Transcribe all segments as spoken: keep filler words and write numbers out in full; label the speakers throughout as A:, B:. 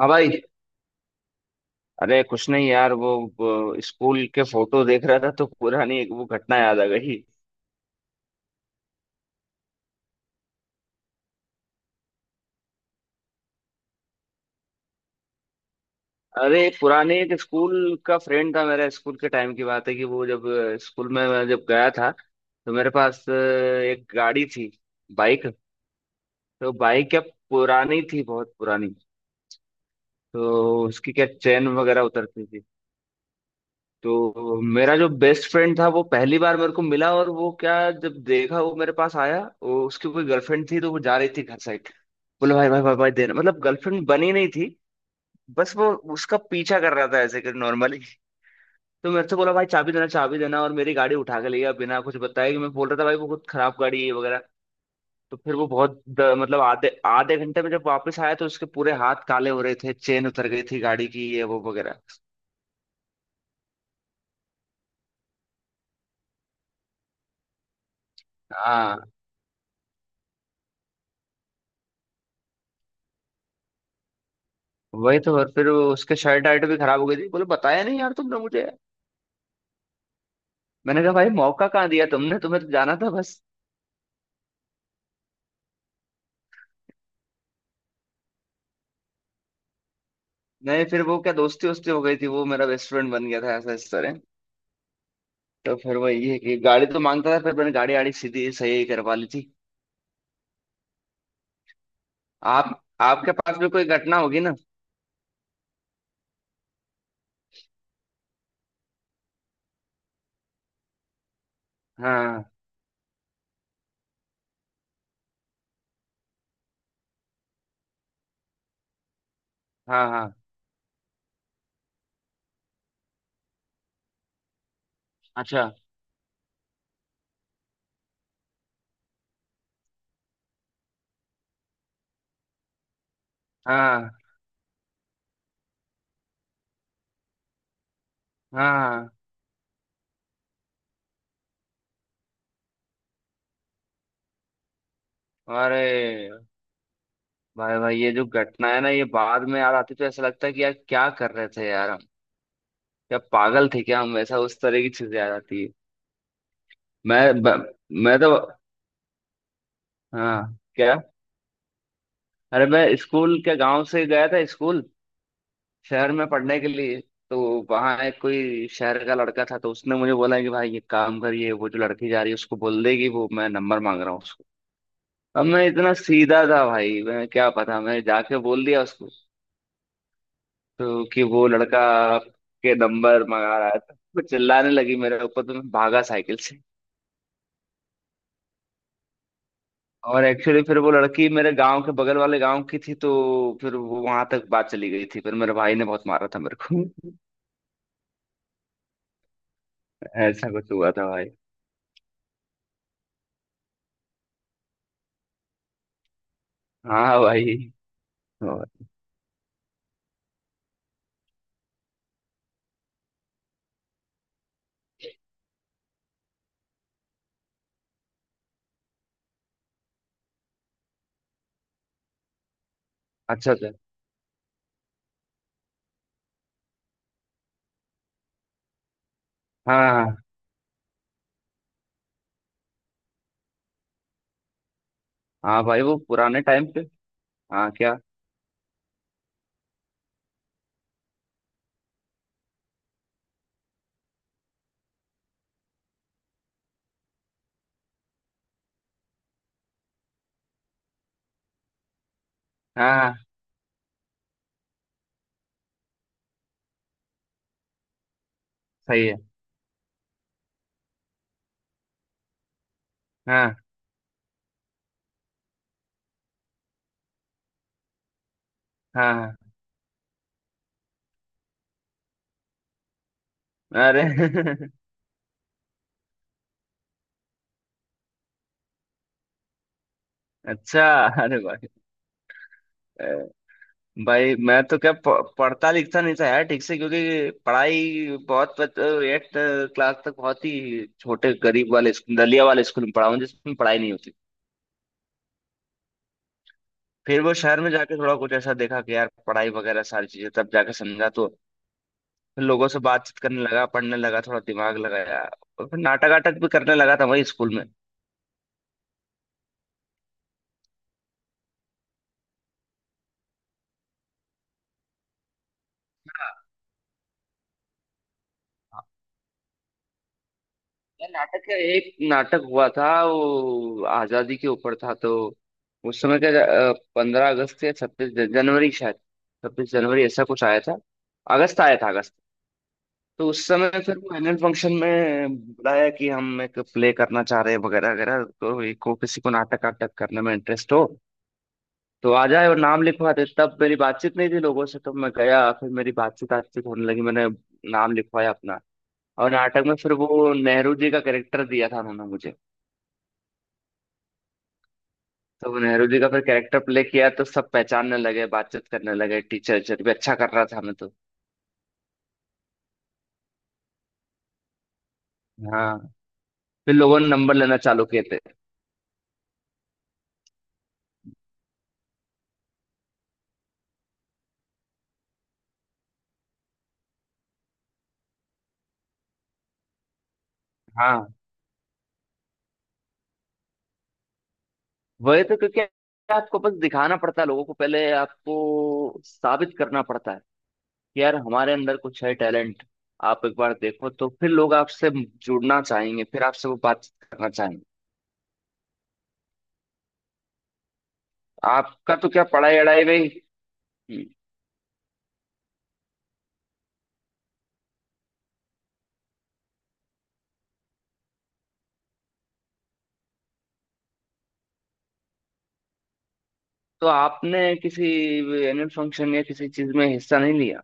A: हाँ भाई। अरे कुछ नहीं यार वो, वो स्कूल के फोटो देख रहा था तो पुरानी एक वो घटना याद आ गई। अरे पुराने एक स्कूल का फ्रेंड था मेरा स्कूल के टाइम की बात है कि वो जब अ, स्कूल में मैं जब गया था तो मेरे पास अ, एक गाड़ी थी। बाइक। तो बाइक क्या पुरानी थी बहुत पुरानी। तो उसकी क्या चेन वगैरह उतरती थी। तो मेरा जो बेस्ट फ्रेंड था वो पहली बार मेरे को मिला और वो क्या जब देखा वो मेरे पास आया वो उसकी कोई गर्लफ्रेंड थी तो वो जा रही थी घर साइड। बोले भाई भाई भाई भाई देना मतलब गर्लफ्रेंड बनी नहीं थी। बस वो उसका पीछा कर रहा था ऐसे कर नॉर्मली। तो मेरे से बोला भाई चाबी देना चाबी देना और मेरी गाड़ी उठा के ले गया बिना कुछ बताए कि मैं बोल रहा था भाई वो बहुत खराब गाड़ी है वगैरह। तो फिर वो बहुत द- मतलब आधे आधे घंटे में जब वापस आया तो उसके पूरे हाथ काले हो रहे थे चेन उतर गई थी गाड़ी की ये वो वगैरह। हाँ वही तो। और फिर वो उसके शर्ट आर्ट भी खराब हो गई थी बोले बताया नहीं यार तुमने मुझे। मैंने कहा भाई मौका कहाँ दिया तुमने तुम्हें तो जाना था बस। नहीं फिर वो क्या दोस्ती वोस्ती हो गई थी वो मेरा बेस्ट फ्रेंड बन गया था ऐसा इस तरह। तो फिर वही है कि गाड़ी तो मांगता था फिर मैंने गाड़ी आड़ी सीधी सही करवा ली थी। आप आपके पास भी कोई घटना होगी ना। हाँ हाँ हाँ। अच्छा। हाँ हाँ हाँ। अरे भाई भाई ये जो घटना है ना ये बाद में याद आती तो ऐसा लगता है कि यार क्या कर रहे थे यार हम। क्या पागल थे क्या हम ऐसा उस तरह की चीजें आ जाती है। मैं ब, मैं तो। हाँ क्या। अरे मैं स्कूल के गांव से गया था स्कूल शहर में पढ़ने के लिए। तो वहाँ एक कोई शहर का लड़का था तो उसने मुझे बोला कि भाई ये काम करिए वो जो लड़की जा रही है उसको बोल देगी वो मैं नंबर मांग रहा हूँ उसको। अब मैं इतना सीधा था भाई मैं क्या पता मैं जाके बोल दिया उसको। तो कि वो लड़का के नंबर मंगा रहा है तो वो चिल्लाने लगी मेरे ऊपर तो मैं भागा साइकिल से। और एक्चुअली फिर वो लड़की मेरे गांव के बगल वाले गांव की थी तो फिर वो वहां तक बात चली गई थी फिर मेरे भाई ने बहुत मारा था मेरे को। ऐसा कुछ हुआ था भाई। हाँ भाई। और अच्छा अच्छा। हाँ हाँ। हाँ भाई वो पुराने टाइम पे। हाँ क्या। हाँ हाँ, सही है। हाँ हाँ हाँ। अरे अच्छा। अरे भाई। अ, भाई मैं तो क्या प- पढ़ता लिखता नहीं था यार ठीक से क्योंकि पढ़ाई बहुत एट क्लास तक बहुत ही छोटे गरीब वाले स्कूल दलिया वाले स्कूल में पढ़ा हूँ जिसमें पढ़ाई नहीं होती। फिर वो शहर में जाके थोड़ा कुछ ऐसा देखा कि यार पढ़ाई वगैरह सारी चीजें तब जाके समझा तो फिर लोगों से बातचीत करने लगा पढ़ने लगा थोड़ा दिमाग लगाया। और फिर नाटक वाटक भी करने लगा था वही स्कूल में। यार नाटक है एक नाटक हुआ था वो आजादी के ऊपर था तो उस समय का पंद्रह अगस्त या छब्बीस जनवरी शायद छब्बीस जनवरी ऐसा कुछ आया था। अगस्त आया था अगस्त। तो उस समय फिर वो एनुअल फंक्शन में बुलाया कि हम एक प्ले करना चाह रहे हैं वगैरह वगैरह तो ये को किसी को नाटक वाटक करने में इंटरेस्ट हो तो आ जाए और नाम लिखवा दे तब मेरी बातचीत नहीं थी लोगों से तो मैं गया फिर मेरी बातचीत बातचीत होने लगी मैंने नाम लिखवाया अपना। और नाटक में फिर वो नेहरू जी का कैरेक्टर दिया था उन्होंने मुझे। तो वो नेहरू जी का फिर कैरेक्टर प्ले किया तो सब पहचानने लगे बातचीत करने लगे टीचर टीचर भी अच्छा कर रहा था मैं तो। हाँ फिर लोगों ने नंबर लेना चालू किए थे। हाँ वही तो क्योंकि आपको बस दिखाना पड़ता है लोगों को पहले आपको साबित करना पड़ता है कि यार हमारे अंदर कुछ है टैलेंट। आप एक बार देखो तो फिर लोग आपसे जुड़ना चाहेंगे फिर आपसे वो बातचीत करना चाहेंगे। आपका तो क्या पढ़ाई अड़ाई में ही। तो आपने किसी एनुअल फंक्शन या किसी चीज में हिस्सा नहीं लिया।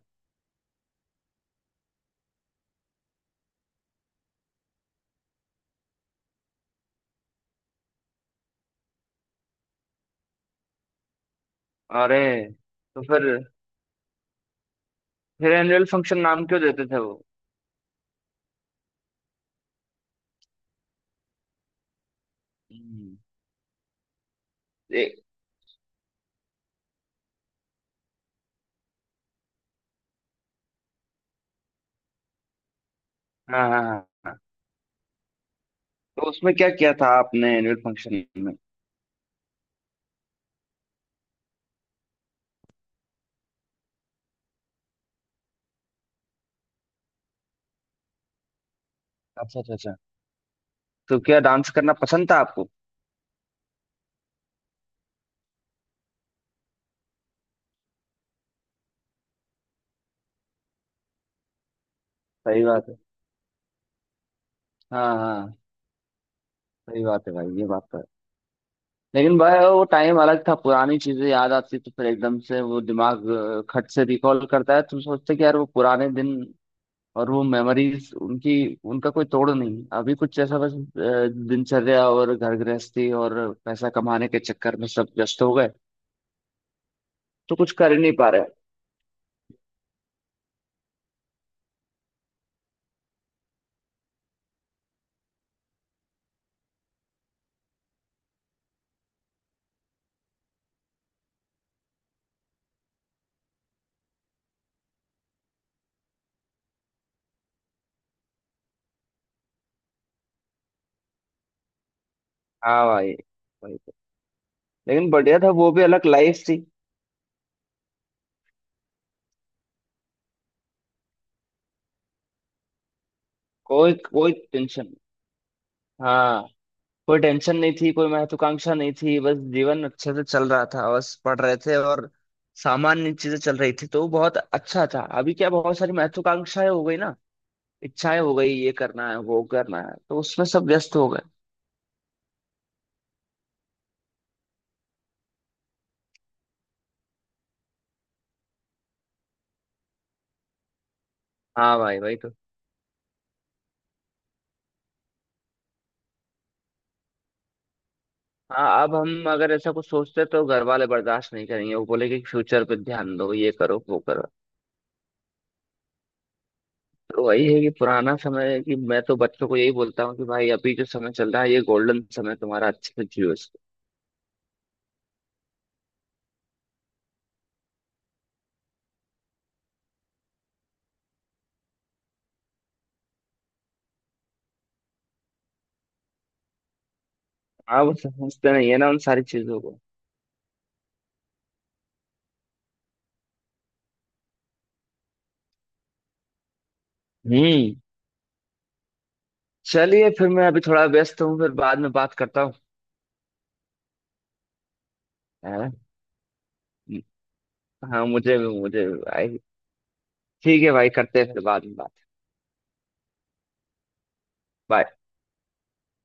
A: अरे। तो फिर। फिर एनुअल फंक्शन नाम क्यों देते थे वो। हम्म, ए, हाँ हाँ हाँ हाँ। तो उसमें क्या किया था आपने एनुअल फंक्शन में। अच्छा अच्छा अच्छा। तो क्या डांस करना पसंद था आपको। सही बात है। हाँ हाँ। सही बात है भाई ये बात तो है। लेकिन भाई वो टाइम अलग था पुरानी चीजें याद आती तो फिर एकदम से वो दिमाग अ, खट से रिकॉल करता है तुम सोचते कि यार वो पुराने दिन। और वो मेमोरीज उनकी। उनका कोई तोड़ नहीं अभी कुछ ऐसा बस अ, दिनचर्या और घर गृहस्थी और पैसा कमाने के चक्कर में सब व्यस्त हो गए। तो कुछ कर ही नहीं पा रहे। हाँ भाई वही तो। लेकिन बढ़िया था वो भी अलग लाइफ थी। कोई कोई टेंशन। हाँ कोई टेंशन नहीं थी कोई महत्वाकांक्षा नहीं थी बस जीवन अच्छे से चल रहा था बस पढ़ रहे थे और सामान्य चीजें चल रही थी तो वो बहुत अच्छा था अभी क्या बहुत सारी महत्वाकांक्षाएं हो गई ना इच्छाएं हो गई ये करना है वो करना है तो उसमें सब व्यस्त हो गए। हाँ भाई वही तो। हाँ अब हम अगर ऐसा कुछ सोचते तो घर वाले बर्दाश्त नहीं करेंगे वो बोले कि फ्यूचर पे ध्यान दो ये करो वो करो। वही है कि पुराना समय है कि मैं तो बच्चों को यही बोलता हूँ कि भाई अभी जो समय चल रहा है ये गोल्डन समय तुम्हारा अच्छे से जियो इसको। आप समझते नहीं है ना उन सारी चीजों को। हम्म। चलिए फिर मैं अभी थोड़ा व्यस्त हूँ फिर बाद में बात करता हूँ। है? ना? हाँ मुझे मुझे भाई। ठीक है भाई करते हैं फिर बाद में बात। Bye.